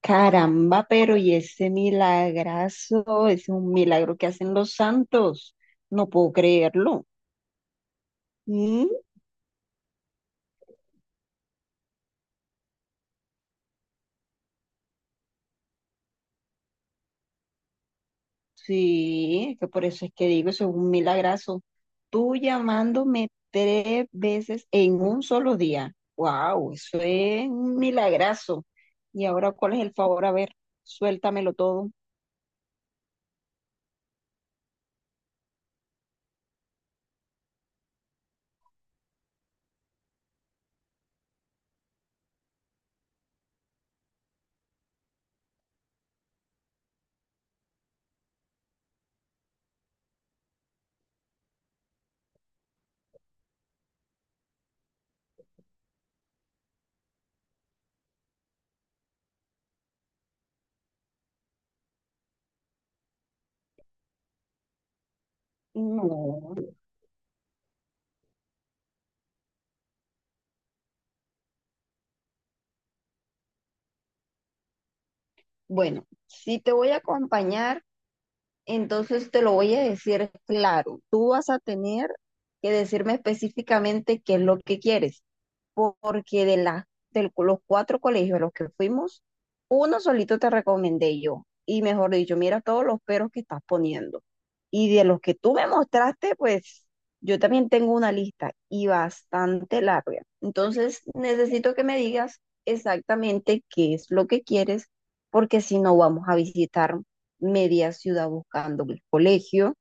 Caramba, pero y ese milagrazo, es un milagro que hacen los santos. No puedo creerlo. ¿Mm? Sí, es que por eso es que digo, eso es un milagrazo. Tú llamándome tres veces en un solo día. Wow, eso es un milagrazo. Y ahora, ¿cuál es el favor? A ver, suéltamelo todo. No. Bueno, si te voy a acompañar. Entonces te lo voy a decir claro. Tú vas a tener que decirme específicamente qué es lo que quieres porque de los cuatro colegios a los que fuimos, uno solito te recomendé yo. Y mejor dicho, mira todos los peros que estás poniendo. Y de los que tú me mostraste, pues yo también tengo una lista y bastante larga. Entonces, necesito que me digas exactamente qué es lo que quieres, porque si no vamos a visitar media ciudad buscando el colegio.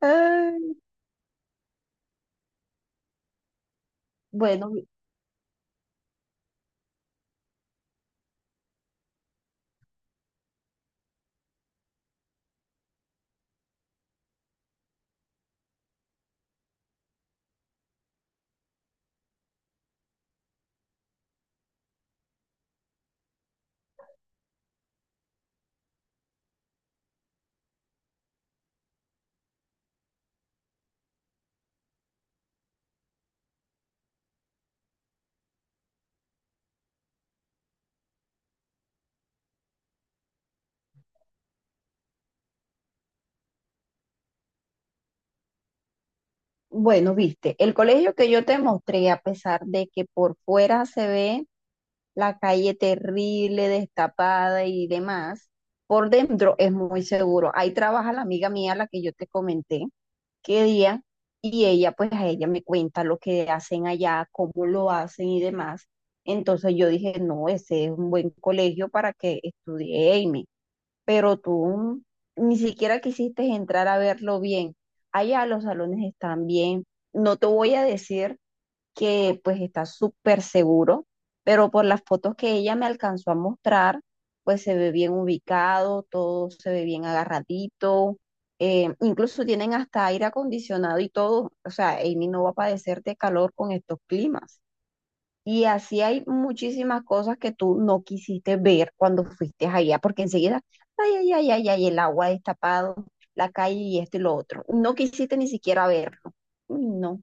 Ay, bueno. Bueno, viste, el colegio que yo te mostré, a pesar de que por fuera se ve la calle terrible, destapada y demás, por dentro es muy seguro. Ahí trabaja la amiga mía, la que yo te comenté, qué día, y ella, pues a ella me cuenta lo que hacen allá, cómo lo hacen y demás. Entonces yo dije, no, ese es un buen colegio para que estudie Amy, pero tú ni siquiera quisiste entrar a verlo bien. Allá los salones están bien. No te voy a decir que pues está súper seguro, pero por las fotos que ella me alcanzó a mostrar, pues se ve bien ubicado, todo se ve bien agarradito. Incluso tienen hasta aire acondicionado y todo. O sea, Amy no va a padecer de calor con estos climas. Y así hay muchísimas cosas que tú no quisiste ver cuando fuiste allá, porque enseguida, ay, ay, ay, ay, ay, el agua destapado, la calle y esto y lo otro. No quisiste ni siquiera verlo. Uy, no,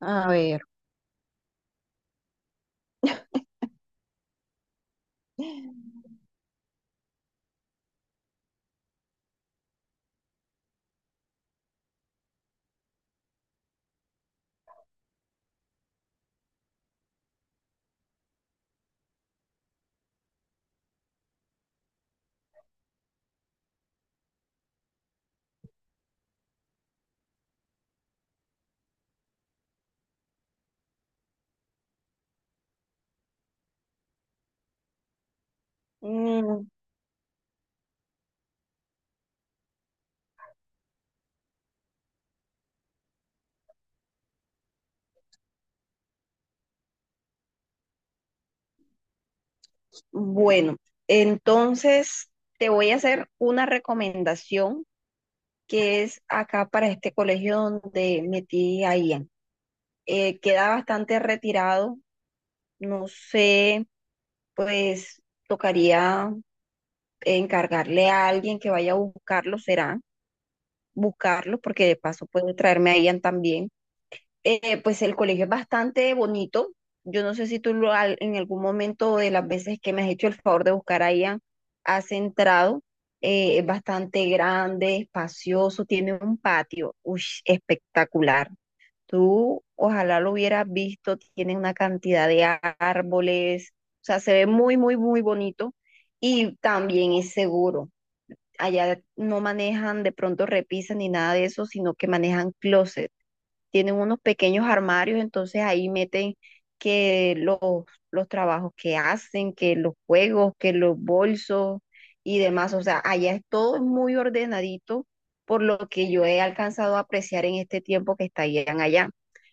a ver. Mm, bueno, entonces te voy a hacer una recomendación que es acá para este colegio donde metí a Ian. Queda bastante retirado, no sé, pues tocaría encargarle a alguien que vaya a buscarlo, será buscarlo, porque de paso puede traerme a Ian también. Pues el colegio es bastante bonito. Yo no sé si en algún momento de las veces que me has hecho el favor de buscar a Ian, has entrado. Es bastante grande, espacioso, tiene un patio, uy, espectacular. Tú ojalá lo hubieras visto, tiene una cantidad de árboles, o sea, se ve muy, muy, muy bonito y también es seguro. Allá no manejan de pronto repisas ni nada de eso, sino que manejan closets. Tienen unos pequeños armarios, entonces ahí meten que los trabajos que hacen, que los juegos, que los bolsos y demás. O sea, allá es todo muy ordenadito por lo que yo he alcanzado a apreciar en este tiempo que estarían allá.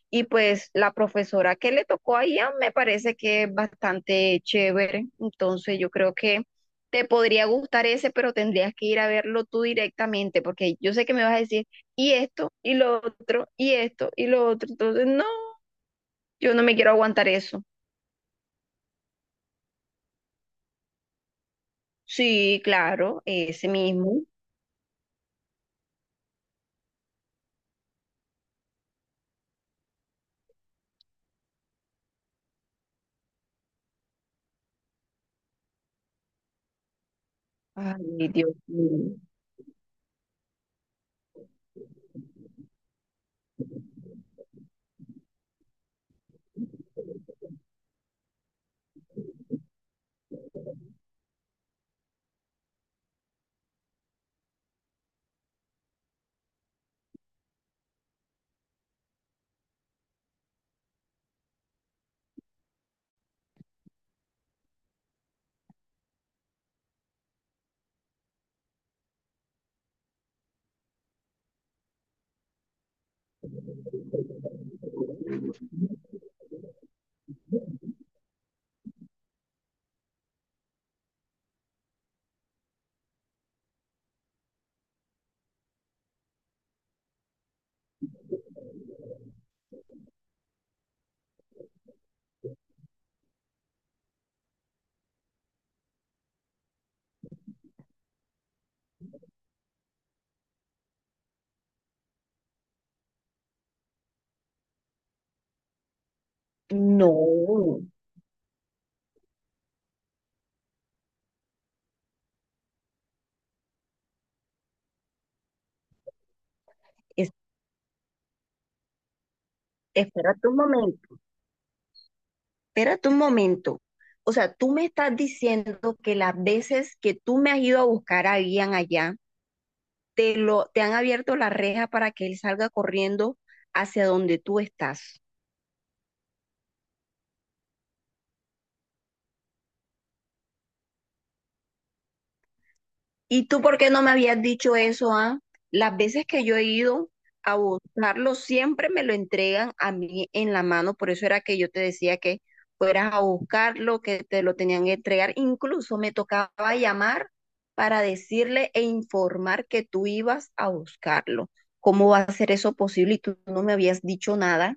Y pues la profesora que le tocó allá me parece que es bastante chévere. Entonces yo creo que te podría gustar ese, pero tendrías que ir a verlo tú directamente, porque yo sé que me vas a decir y esto, y lo otro, y esto, y lo otro. Entonces, no, yo no me quiero aguantar eso. Sí, claro, ese mismo. Ay, Dios mío. No, es- espérate un momento, espérate un momento. O sea, tú me estás diciendo que las veces que tú me has ido a buscar a Ian allá, te han abierto la reja para que él salga corriendo hacia donde tú estás. ¿Y tú por qué no me habías dicho eso, ah? Las veces que yo he ido a buscarlo, siempre me lo entregan a mí en la mano. Por eso era que yo te decía que fueras a buscarlo, que te lo tenían que entregar. Incluso me tocaba llamar para decirle e informar que tú ibas a buscarlo. ¿Cómo va a ser eso posible? Y tú no me habías dicho nada.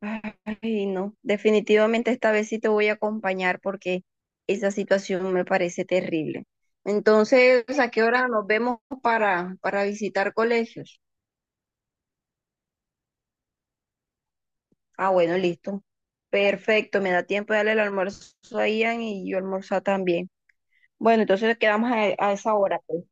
Ay, no, definitivamente esta vez sí te voy a acompañar porque esa situación me parece terrible. Entonces, ¿a qué hora nos vemos para visitar colegios? Ah, bueno, listo. Perfecto, me da tiempo de darle el almuerzo a Ian y yo almorzar también. Bueno, entonces quedamos a esa hora, pues.